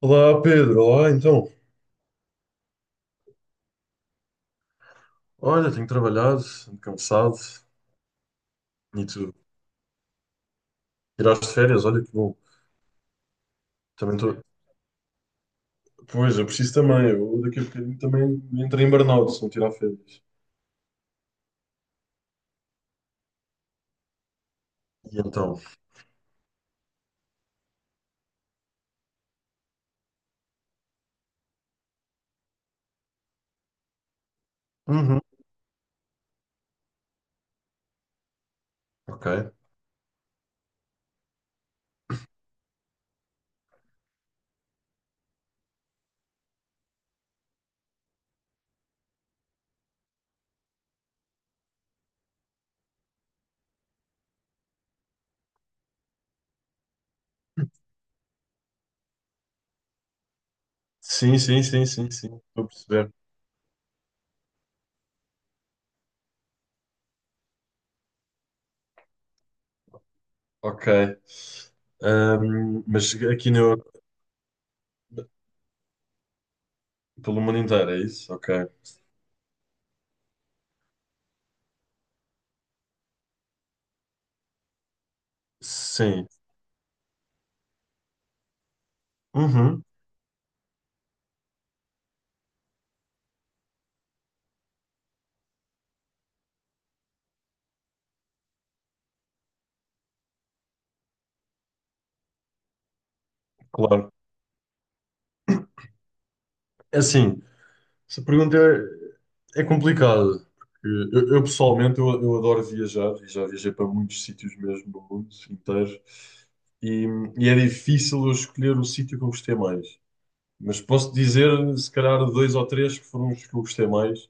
Olá Pedro, olá então. Olha, tenho trabalhado, ando cansado. E tu tiraste férias, olha que bom. Também estou. Pois, eu preciso também. Eu daqui a bocadinho também entro em burnout se não tirar férias. E então? Uhum. Ok. Sim, sim, sim, sim, sim. Estou a perceber. Ok. Mas aqui no... Pelo mundo inteiro, é isso? Ok. Sim. Uhum. Claro. É assim. Essa pergunta é complicada, porque eu, pessoalmente eu adoro viajar e já viajei para muitos sítios mesmo no mundo inteiro e, e é difícil eu escolher o sítio que eu gostei mais. Mas posso dizer, se calhar, dois ou três que foram os que eu gostei mais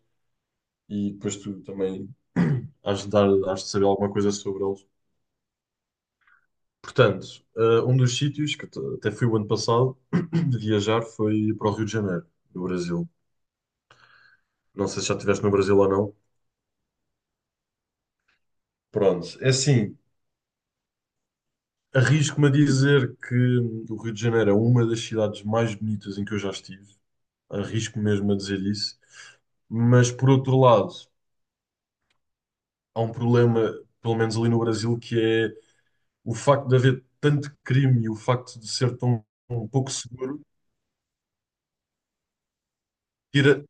e depois tu também has de saber alguma coisa sobre eles. Portanto, um dos sítios que até fui o ano passado de viajar foi para o Rio de Janeiro, no Brasil. Não sei se já estiveste no Brasil ou não. Pronto, é assim. Arrisco-me a dizer que o Rio de Janeiro é uma das cidades mais bonitas em que eu já estive. Arrisco mesmo a dizer isso. Mas, por outro lado, há um problema, pelo menos ali no Brasil, que é o facto de haver tanto crime e o facto de ser tão um pouco seguro, tira,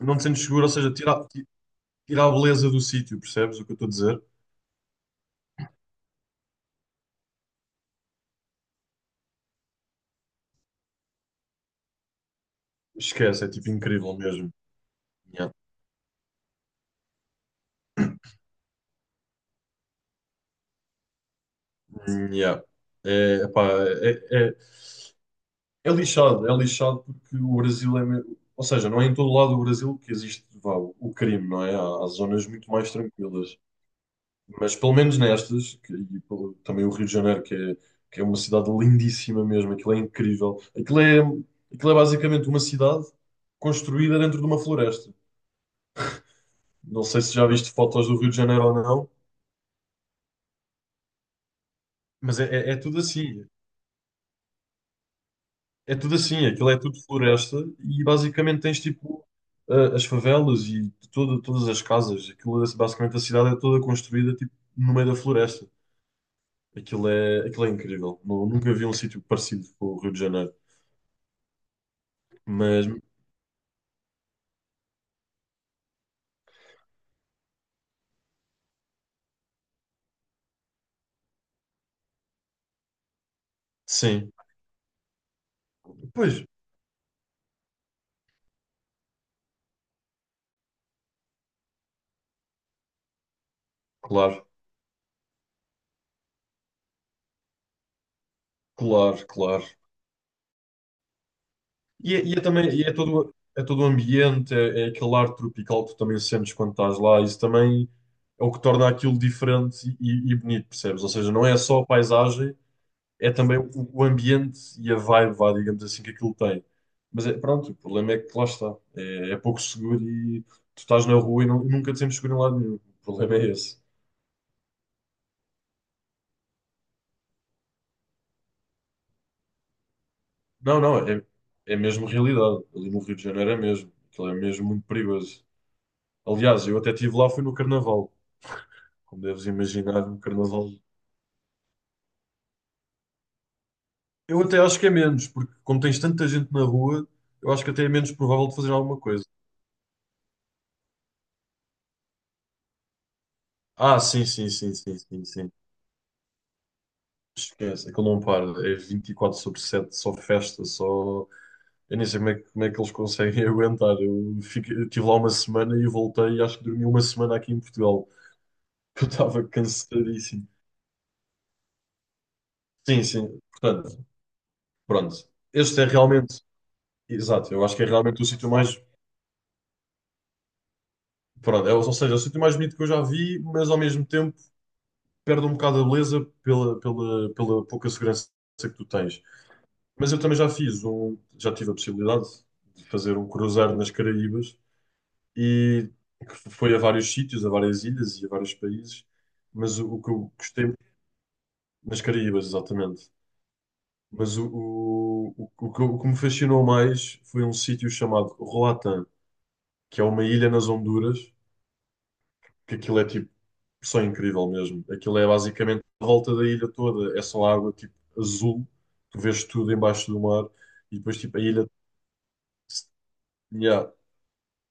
não te sentes seguro, ou seja, tira a beleza do sítio, percebes o que eu estou a dizer? Esquece, é tipo incrível mesmo. Yeah. Yeah. É, epá, é, é, é lixado porque o Brasil é. Ou seja, não é em todo lado do Brasil que existe, vá, o crime, não é? Há zonas muito mais tranquilas. Mas pelo menos nestas, também o Rio de Janeiro, que é uma cidade lindíssima mesmo, aquilo é incrível. Aquilo é basicamente uma cidade construída dentro de uma floresta. Não sei se já viste fotos do Rio de Janeiro ou não, mas é tudo assim. É tudo assim, aquilo é tudo floresta e basicamente tens tipo as favelas e todas as casas. Aquilo, basicamente a cidade é toda construída tipo no meio da floresta. Aquilo é incrível. Nunca vi um sítio parecido com o Rio de Janeiro. Mas sim, pois, claro, claro, claro. E é todo o ambiente, é aquele ar tropical que tu também sentes quando estás lá. Isso também é o que torna aquilo diferente e bonito, percebes? Ou seja, não é só a paisagem, é também o ambiente e a vibe, vá, digamos assim, que aquilo tem. Mas é, pronto, o problema é que lá está. É pouco seguro e tu estás na rua e nunca te sentes seguro em lado nenhum. O problema é esse. Não, não, é mesmo realidade. Ali no Rio de Janeiro é mesmo. Aquilo é mesmo muito perigoso. Aliás, eu até estive lá, foi no Carnaval. Como deves imaginar, no Carnaval. Eu até acho que é menos, porque como tens tanta gente na rua, eu acho que até é menos provável de fazer alguma coisa. Ah, sim, sim, sim, sim, sim, sim. Esquece, aquilo não para. É 24/7 só festa, só. Eu nem sei que como é que eles conseguem aguentar. Eu estive lá uma semana e voltei e acho que dormi uma semana aqui em Portugal. Eu estava cansadíssimo. Sim, sim. Portanto, pronto. Este é realmente. Exato, eu acho que é realmente o sítio mais. Pronto, ou seja, é o sítio mais bonito que eu já vi, mas ao mesmo tempo perde um bocado a beleza pela pouca segurança que tu tens. Mas eu também já fiz um. Já tive a possibilidade de fazer um cruzeiro nas Caraíbas. E que foi a vários sítios, a várias ilhas e a vários países, mas o que eu gostei nas Caraíbas, exatamente. Mas o que me fascinou mais foi um sítio chamado Roatán, que é uma ilha nas Honduras, que aquilo é tipo só incrível mesmo. Aquilo é basicamente a volta da ilha toda, é só água tipo azul, tu vês tudo embaixo do mar e depois tipo a ilha yeah,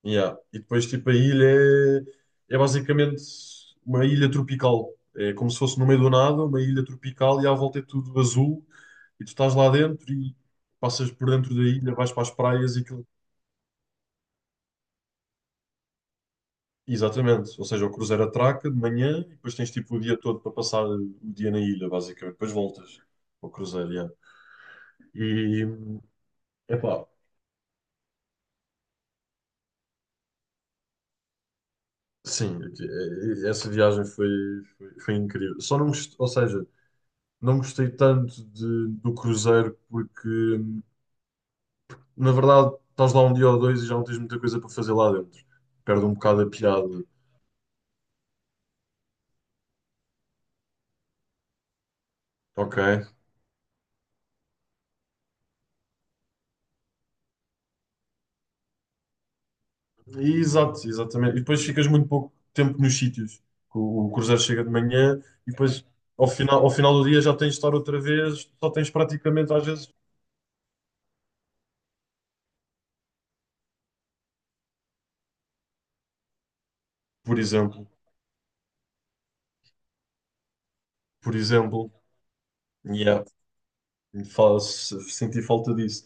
Yeah. E depois, tipo, a ilha é basicamente uma ilha tropical. É como se fosse no meio do nada, uma ilha tropical e à volta é tudo azul. E tu estás lá dentro e passas por dentro da ilha, vais para as praias e aquilo. Exatamente. Ou seja, o cruzeiro atraca de manhã e depois tens tipo o dia todo para passar o dia na ilha, basicamente. Depois voltas ao cruzeiro, yeah. E, epá, sim, essa viagem foi, incrível. Só não, gost- ou seja, Não gostei tanto do cruzeiro porque, na verdade, estás lá um dia ou dois e já não tens muita coisa para fazer lá dentro. Perde um bocado a piada. Ok. E, exato, exatamente. E depois ficas muito pouco tempo nos sítios. O cruzeiro chega de manhã e depois, ao final do dia, já tens de estar outra vez. Só tens praticamente, às vezes, por exemplo, por exemplo, yeah, senti falta disso.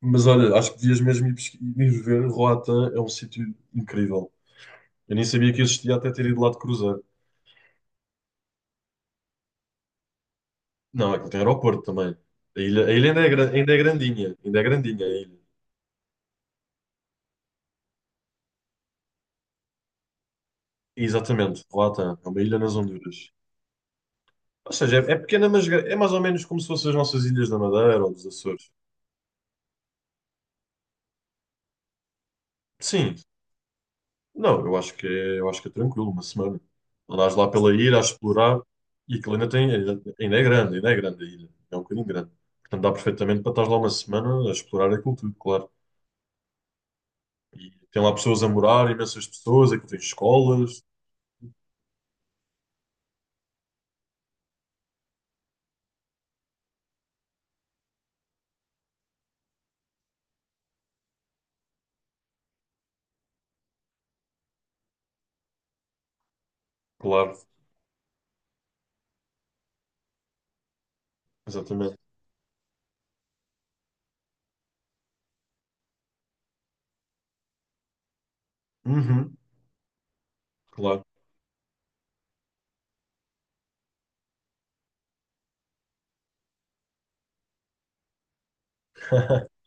Mas olha, acho que devias mesmo ir ver. Roatã é um sítio incrível. Eu nem sabia que existia até ter ido lá de cruzeiro. Não, aquilo tem aeroporto também. A ilha ainda é grandinha. Ainda é grandinha a ilha. Exatamente, Roatán. É uma ilha nas Honduras. Ou seja, é pequena, mas é mais ou menos como se fossem as nossas ilhas da Madeira ou dos Açores. Sim. Não, eu acho que é tranquilo, uma semana. Andas lá pela ilha a explorar e aquilo ainda é grande a ilha. É um bocadinho grande. Portanto, dá perfeitamente para estar lá uma semana a explorar aquilo tudo, claro. E tem lá pessoas a morar, imensas pessoas, aquilo tem escolas. Claro, exatamente. Uhum, claro.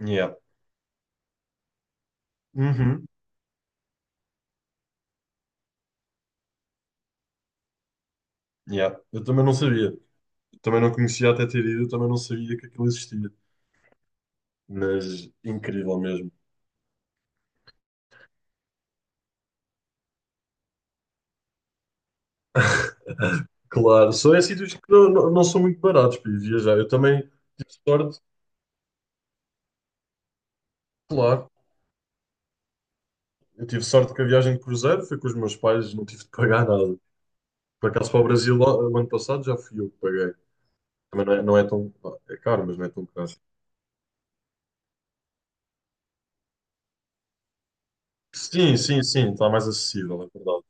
Yeah, uhum, yeah. Eu também não sabia. Eu também não conhecia até ter ido, eu também não sabia que aquilo existia. Mas incrível mesmo. Claro, só em sítios que não, não, não são muito baratos para ir viajar. Eu também tive sorte, claro. Eu tive sorte que a viagem de cruzeiro foi com os meus pais, não tive de pagar nada. Por acaso para o Brasil, lá, o ano passado, já fui eu que paguei. Também não é, não é tão. É caro, mas não é tão caro. Sim, sim, sim, está mais acessível, é verdade.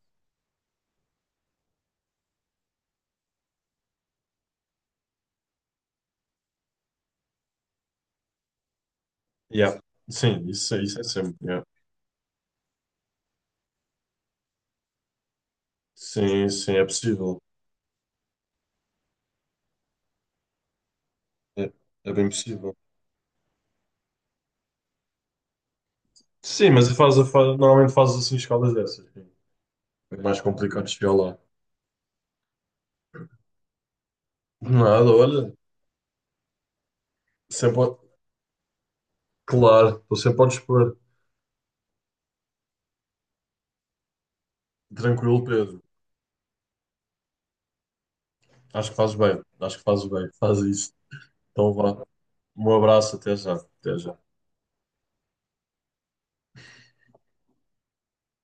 Yeah. Sim, isso é sempre. É. Sim, sim, é possível. É, é bem possível. Sim, mas normalmente fazes assim escalas dessas. É mais complicado chegar lá. Nada, olha. Sempre, claro, estou sempre a dispor. Tranquilo, Pedro. Acho que fazes bem. Acho que fazes bem. Faz isso. Então vá. Um abraço, até já. Até já.